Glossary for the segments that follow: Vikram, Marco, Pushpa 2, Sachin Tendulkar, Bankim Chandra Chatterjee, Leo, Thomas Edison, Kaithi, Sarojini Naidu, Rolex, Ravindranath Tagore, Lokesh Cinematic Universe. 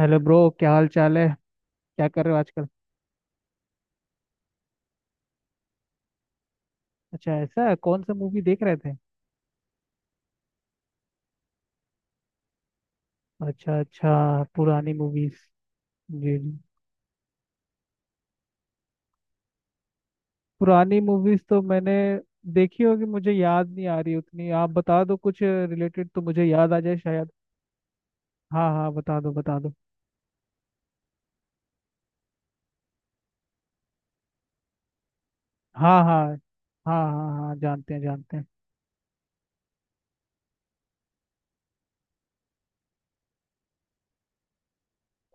Hello bro, क्या हाल चाल है। क्या कर रहे हो आजकल। अच्छा, ऐसा है, कौन सा मूवी देख रहे थे। अच्छा अच्छा। पुरानी मूवीज। जी जी। पुरानी मूवीज तो मैंने देखी होगी, मुझे याद नहीं आ रही उतनी। आप बता दो कुछ रिलेटेड तो मुझे याद आ जाए शायद। हाँ हाँ, बता दो बता दो। हाँ हाँ हाँ, हाँ हाँ जानते हैं जानते हैं।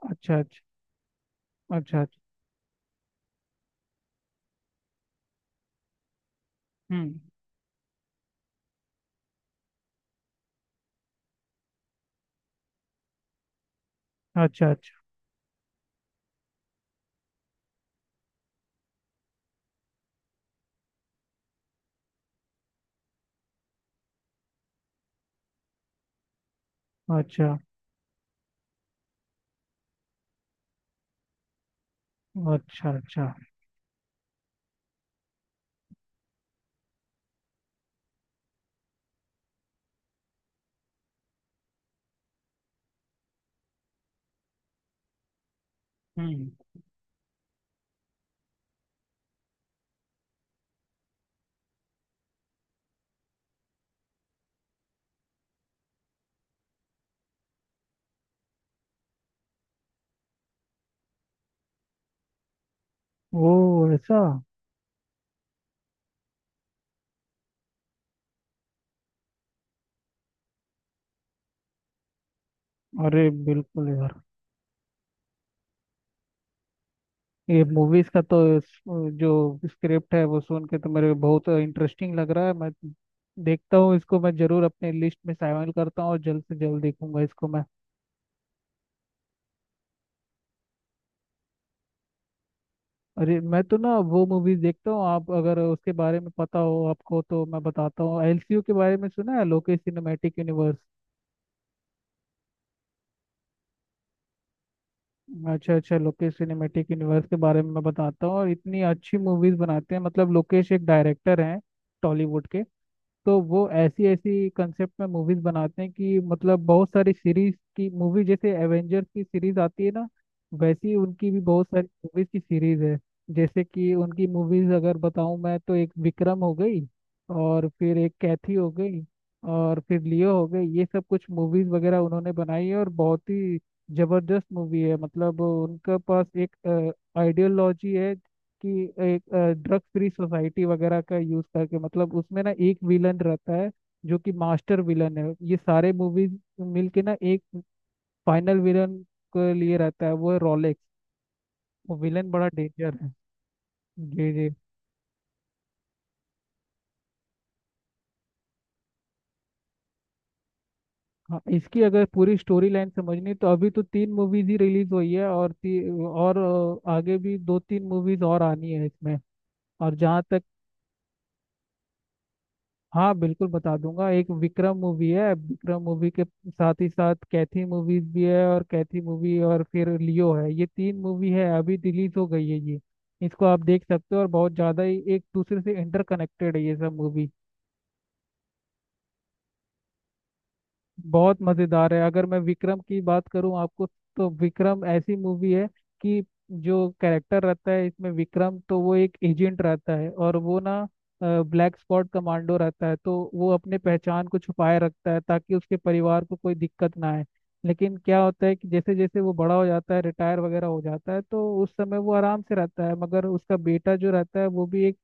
अच्छा अच्छा। अच्छा अच्छा। हम्म। अच्छा अच्छा। अच्छा अच्छा। अच्छा। हम्म। ओ ऐसा। अरे बिल्कुल यार। ये मूवीज का तो जो स्क्रिप्ट है वो सुन के तो मेरे को बहुत इंटरेस्टिंग लग रहा है। मैं देखता हूँ इसको, मैं जरूर अपने लिस्ट में शामिल करता हूँ और जल्द से जल्द देखूंगा इसको मैं। अरे मैं तो ना वो मूवीज देखता हूँ, आप अगर उसके बारे में पता हो आपको तो मैं बताता हूँ। एलसीयू के बारे में सुना है, लोकेश सिनेमैटिक यूनिवर्स। अच्छा अच्छा, लोकेश सिनेमैटिक यूनिवर्स के बारे में मैं बताता हूँ। और इतनी अच्छी मूवीज बनाते हैं, मतलब लोकेश एक डायरेक्टर हैं टॉलीवुड के। तो वो ऐसी ऐसी कंसेप्ट में मूवीज बनाते हैं कि मतलब बहुत सारी सीरीज की मूवी, जैसे एवेंजर्स की सीरीज आती है ना, वैसी उनकी भी बहुत सारी मूवीज की सीरीज है। जैसे कि उनकी मूवीज अगर बताऊं मैं, तो एक विक्रम हो गई, और फिर एक कैथी हो गई, और फिर लियो हो गई। ये सब कुछ मूवीज वगैरह उन्होंने बनाई है और बहुत ही जबरदस्त मूवी है। मतलब उनके पास एक आइडियोलॉजी है कि एक ड्रग फ्री सोसाइटी वगैरह का यूज करके, मतलब उसमें ना एक विलन रहता है जो कि मास्टर विलन है। ये सारे मूवीज मिलके ना एक फाइनल विलन के लिए रहता है, वो है रोलेक्स। वो विलन बड़ा डेंजर है। जी जी। हाँ, इसकी अगर पूरी स्टोरी लाइन समझनी, तो अभी तो तीन मूवीज ही रिलीज हुई है, और और आगे भी दो तीन मूवीज और आनी है इसमें। और जहाँ तक। हाँ बिल्कुल, बता दूंगा। एक विक्रम मूवी है, विक्रम मूवी के साथ ही साथ कैथी मूवीज भी है, और कैथी मूवी, और फिर लियो है। ये तीन मूवी है अभी रिलीज हो गई है ये, इसको आप देख सकते हो, और बहुत ज़्यादा ही एक दूसरे से इंटरकनेक्टेड है ये सब मूवी। बहुत मजेदार है। अगर मैं विक्रम की बात करूं आपको, तो विक्रम ऐसी मूवी है कि जो कैरेक्टर रहता है इसमें विक्रम, तो वो एक एजेंट रहता है और वो ना ब्लैक स्पॉट कमांडो रहता है। तो वो अपने पहचान को छुपाए रखता है ताकि उसके परिवार को कोई दिक्कत ना आए। लेकिन क्या होता है कि जैसे जैसे वो बड़ा हो जाता है, रिटायर वगैरह हो जाता है, तो उस समय वो आराम से रहता है, मगर उसका बेटा जो रहता है वो भी एक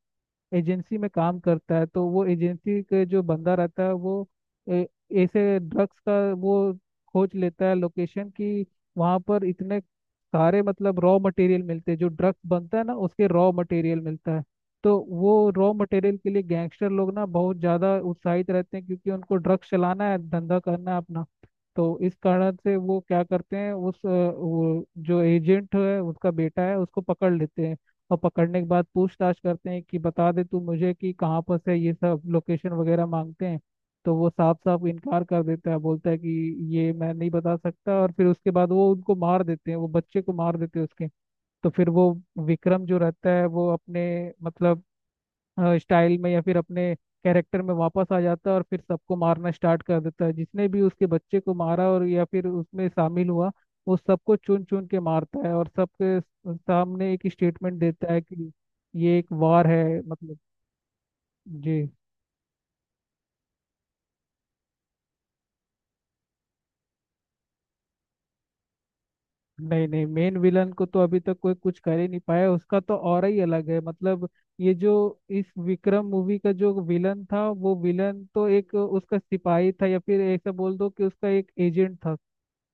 एजेंसी में काम करता है। तो वो एजेंसी के जो बंदा रहता है वो ए- ऐसे ड्रग्स का वो खोज लेता है लोकेशन की। वहाँ पर इतने सारे मतलब रॉ मटेरियल मिलते हैं, जो ड्रग्स बनता है ना उसके रॉ मटेरियल मिलता है। तो वो रॉ मटेरियल के लिए गैंगस्टर लोग ना बहुत ज़्यादा उत्साहित रहते हैं, क्योंकि उनको ड्रग्स चलाना है, धंधा करना है अपना। तो इस कारण से वो क्या करते हैं, उस वो जो एजेंट है उसका बेटा है, उसको पकड़ लेते हैं। और पकड़ने के बाद पूछताछ करते हैं कि बता दे तू मुझे कि कहाँ पर से, ये सब लोकेशन वगैरह मांगते हैं। तो वो साफ साफ इनकार कर देता है, बोलता है कि ये मैं नहीं बता सकता। और फिर उसके बाद वो उनको मार देते हैं, वो बच्चे को मार देते हैं उसके। तो फिर वो विक्रम जो रहता है वो अपने मतलब स्टाइल में या फिर अपने कैरेक्टर में वापस आ जाता है, और फिर सबको मारना स्टार्ट कर देता है जिसने भी उसके बच्चे को मारा और या फिर उसमें शामिल हुआ। वो सबको चुन चुन के मारता है और सबके सामने एक स्टेटमेंट देता है कि ये एक वार है मतलब। जी। नहीं नहीं, मेन विलन को तो अभी तक कोई कुछ कर ही नहीं पाया, उसका तो और ही अलग है मतलब। ये जो इस विक्रम मूवी का जो विलन था, वो विलन तो एक उसका सिपाही था, या फिर ऐसा बोल दो कि उसका एक एजेंट था।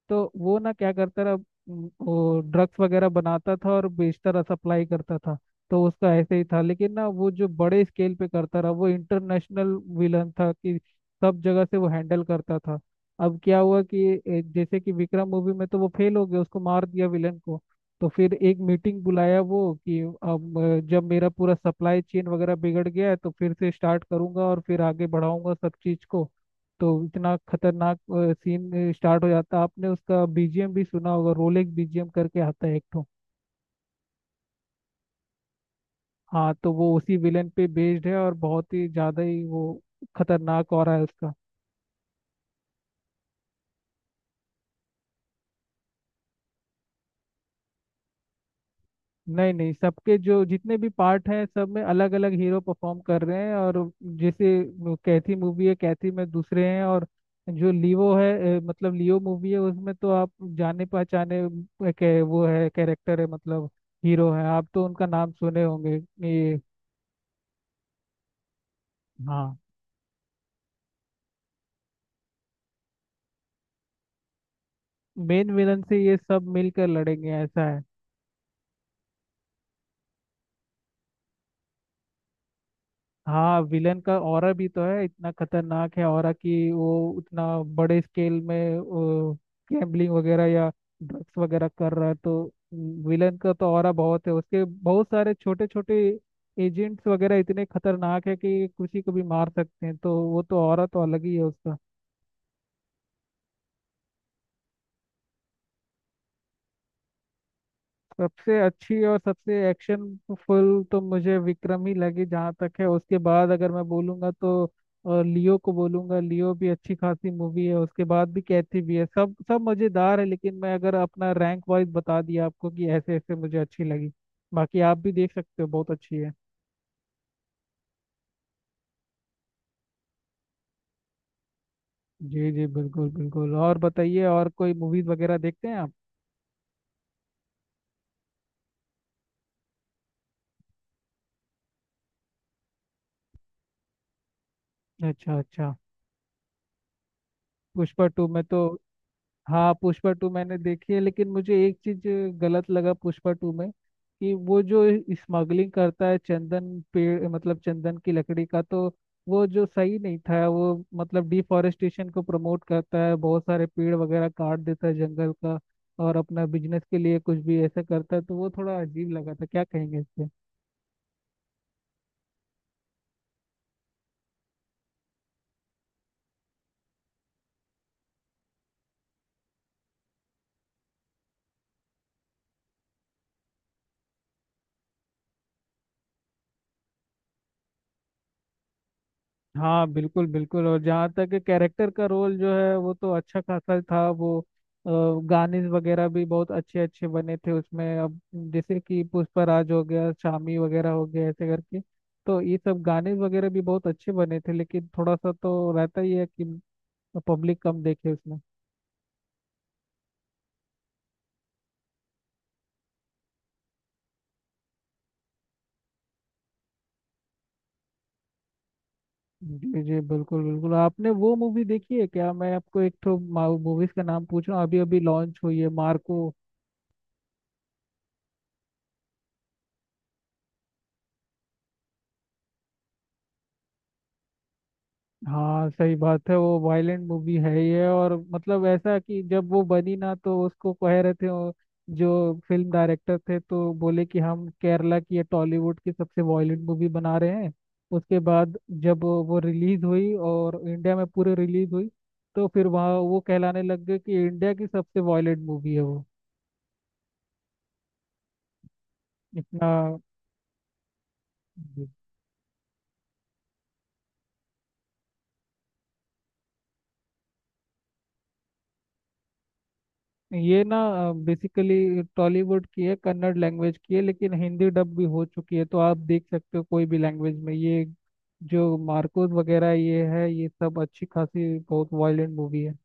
तो वो ना क्या करता रहा, वो ड्रग्स वगैरह बनाता था और बेचता रहा, सप्लाई करता था। तो उसका ऐसे ही था, लेकिन ना वो जो बड़े स्केल पे करता रहा वो इंटरनेशनल विलन था, कि सब जगह से वो हैंडल करता था। अब क्या हुआ कि जैसे कि विक्रम मूवी में तो वो फेल हो गया, उसको मार दिया विलन को। तो फिर एक मीटिंग बुलाया वो कि अब जब मेरा पूरा सप्लाई चेन वगैरह बिगड़ गया है, तो फिर से स्टार्ट करूंगा और फिर आगे बढ़ाऊंगा सब चीज को। तो इतना खतरनाक सीन स्टार्ट हो जाता है। आपने उसका बीजीएम भी सुना होगा, रोलेक्स बीजीएम करके आता है एक ठो। हाँ, तो वो उसी विलेन पे बेस्ड है, और बहुत ही ज्यादा ही वो खतरनाक हो रहा है उसका। नहीं नहीं, सबके जो जितने भी पार्ट हैं सब में अलग अलग हीरो परफॉर्म कर रहे हैं। और जैसे कैथी मूवी है, कैथी में दूसरे हैं। और जो लीवो है, मतलब लियो मूवी है, उसमें तो आप जाने पहचाने के वो है, कैरेक्टर है, मतलब हीरो है, आप तो उनका नाम सुने होंगे। ये। हाँ, मेन विलन से ये सब मिलकर लड़ेंगे, ऐसा है। हाँ, विलन का ऑरा भी तो है, इतना खतरनाक है ऑरा कि वो उतना बड़े स्केल में गैम्बलिंग वगैरह या ड्रग्स वगैरह कर रहा है। तो विलन का तो ऑरा बहुत है, उसके बहुत सारे छोटे छोटे एजेंट्स वगैरह इतने खतरनाक है कि किसी को भी मार सकते हैं। तो वो तो ऑरा तो अलग ही है उसका। सबसे अच्छी और सबसे एक्शन फुल तो मुझे विक्रम ही लगी जहाँ तक है। उसके बाद अगर मैं बोलूँगा तो लियो को बोलूँगा, लियो भी अच्छी खासी मूवी है। उसके बाद भी कैथी भी है, सब सब मज़ेदार है। लेकिन मैं अगर अपना रैंक वाइज बता दिया आपको कि ऐसे ऐसे मुझे अच्छी लगी। बाकी आप भी देख सकते हो, बहुत अच्छी है। जी जी, बिल्कुल बिल्कुल। और बताइए, और कोई मूवीज़ वगैरह देखते हैं आप। अच्छा अच्छा। पुष्पा 2 में तो, हाँ, पुष्पा 2 मैंने देखी है, लेकिन मुझे एक चीज गलत लगा पुष्पा 2 में। कि वो जो स्मगलिंग करता है चंदन पेड़, मतलब चंदन की लकड़ी का, तो वो जो सही नहीं था वो, मतलब डिफॉरेस्टेशन को प्रमोट करता है, बहुत सारे पेड़ वगैरह काट देता है जंगल का, और अपना बिजनेस के लिए कुछ भी ऐसा करता है। तो वो थोड़ा अजीब लगा था, क्या कहेंगे इस पे। हाँ बिल्कुल बिल्कुल। और जहाँ तक कैरेक्टर का रोल जो है, वो तो अच्छा खासा था वो। गाने वगैरह भी बहुत अच्छे अच्छे बने थे उसमें। अब जैसे कि पुष्पराज हो गया, शामी वगैरह हो गया, ऐसे करके तो ये सब गाने वगैरह भी बहुत अच्छे बने थे। लेकिन थोड़ा सा तो रहता ही है कि पब्लिक कम देखे उसमें। जी जी, बिल्कुल बिल्कुल। आपने वो मूवी देखी है क्या, मैं आपको एक तो मूवीज का नाम पूछ रहा हूँ, अभी अभी लॉन्च हुई है, मार्को। हाँ सही बात है, वो वायलेंट मूवी है ही है। और मतलब ऐसा कि जब वो बनी ना, तो उसको कह रहे थे वो जो फिल्म डायरेक्टर थे, तो बोले कि हम केरला की या टॉलीवुड की सबसे वायलेंट मूवी बना रहे हैं। उसके बाद जब वो रिलीज हुई और इंडिया में पूरे रिलीज हुई, तो फिर वहाँ वो कहलाने लग गए कि इंडिया की सबसे वायलेंट मूवी है वो, इतना। ये ना बेसिकली टॉलीवुड की है, कन्नड़ लैंग्वेज की है, लेकिन हिंदी डब भी हो चुकी है। तो आप देख सकते हो कोई भी लैंग्वेज में ये। जो मार्कोस वगैरह ये है, ये सब अच्छी खासी बहुत वायलेंट मूवी है।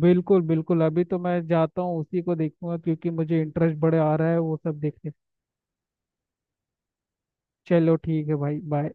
बिल्कुल बिल्कुल, अभी तो मैं जाता हूँ उसी को देखूंगा, क्योंकि मुझे इंटरेस्ट बड़े आ रहा है वो सब देखने चलो ठीक है भाई, बाय।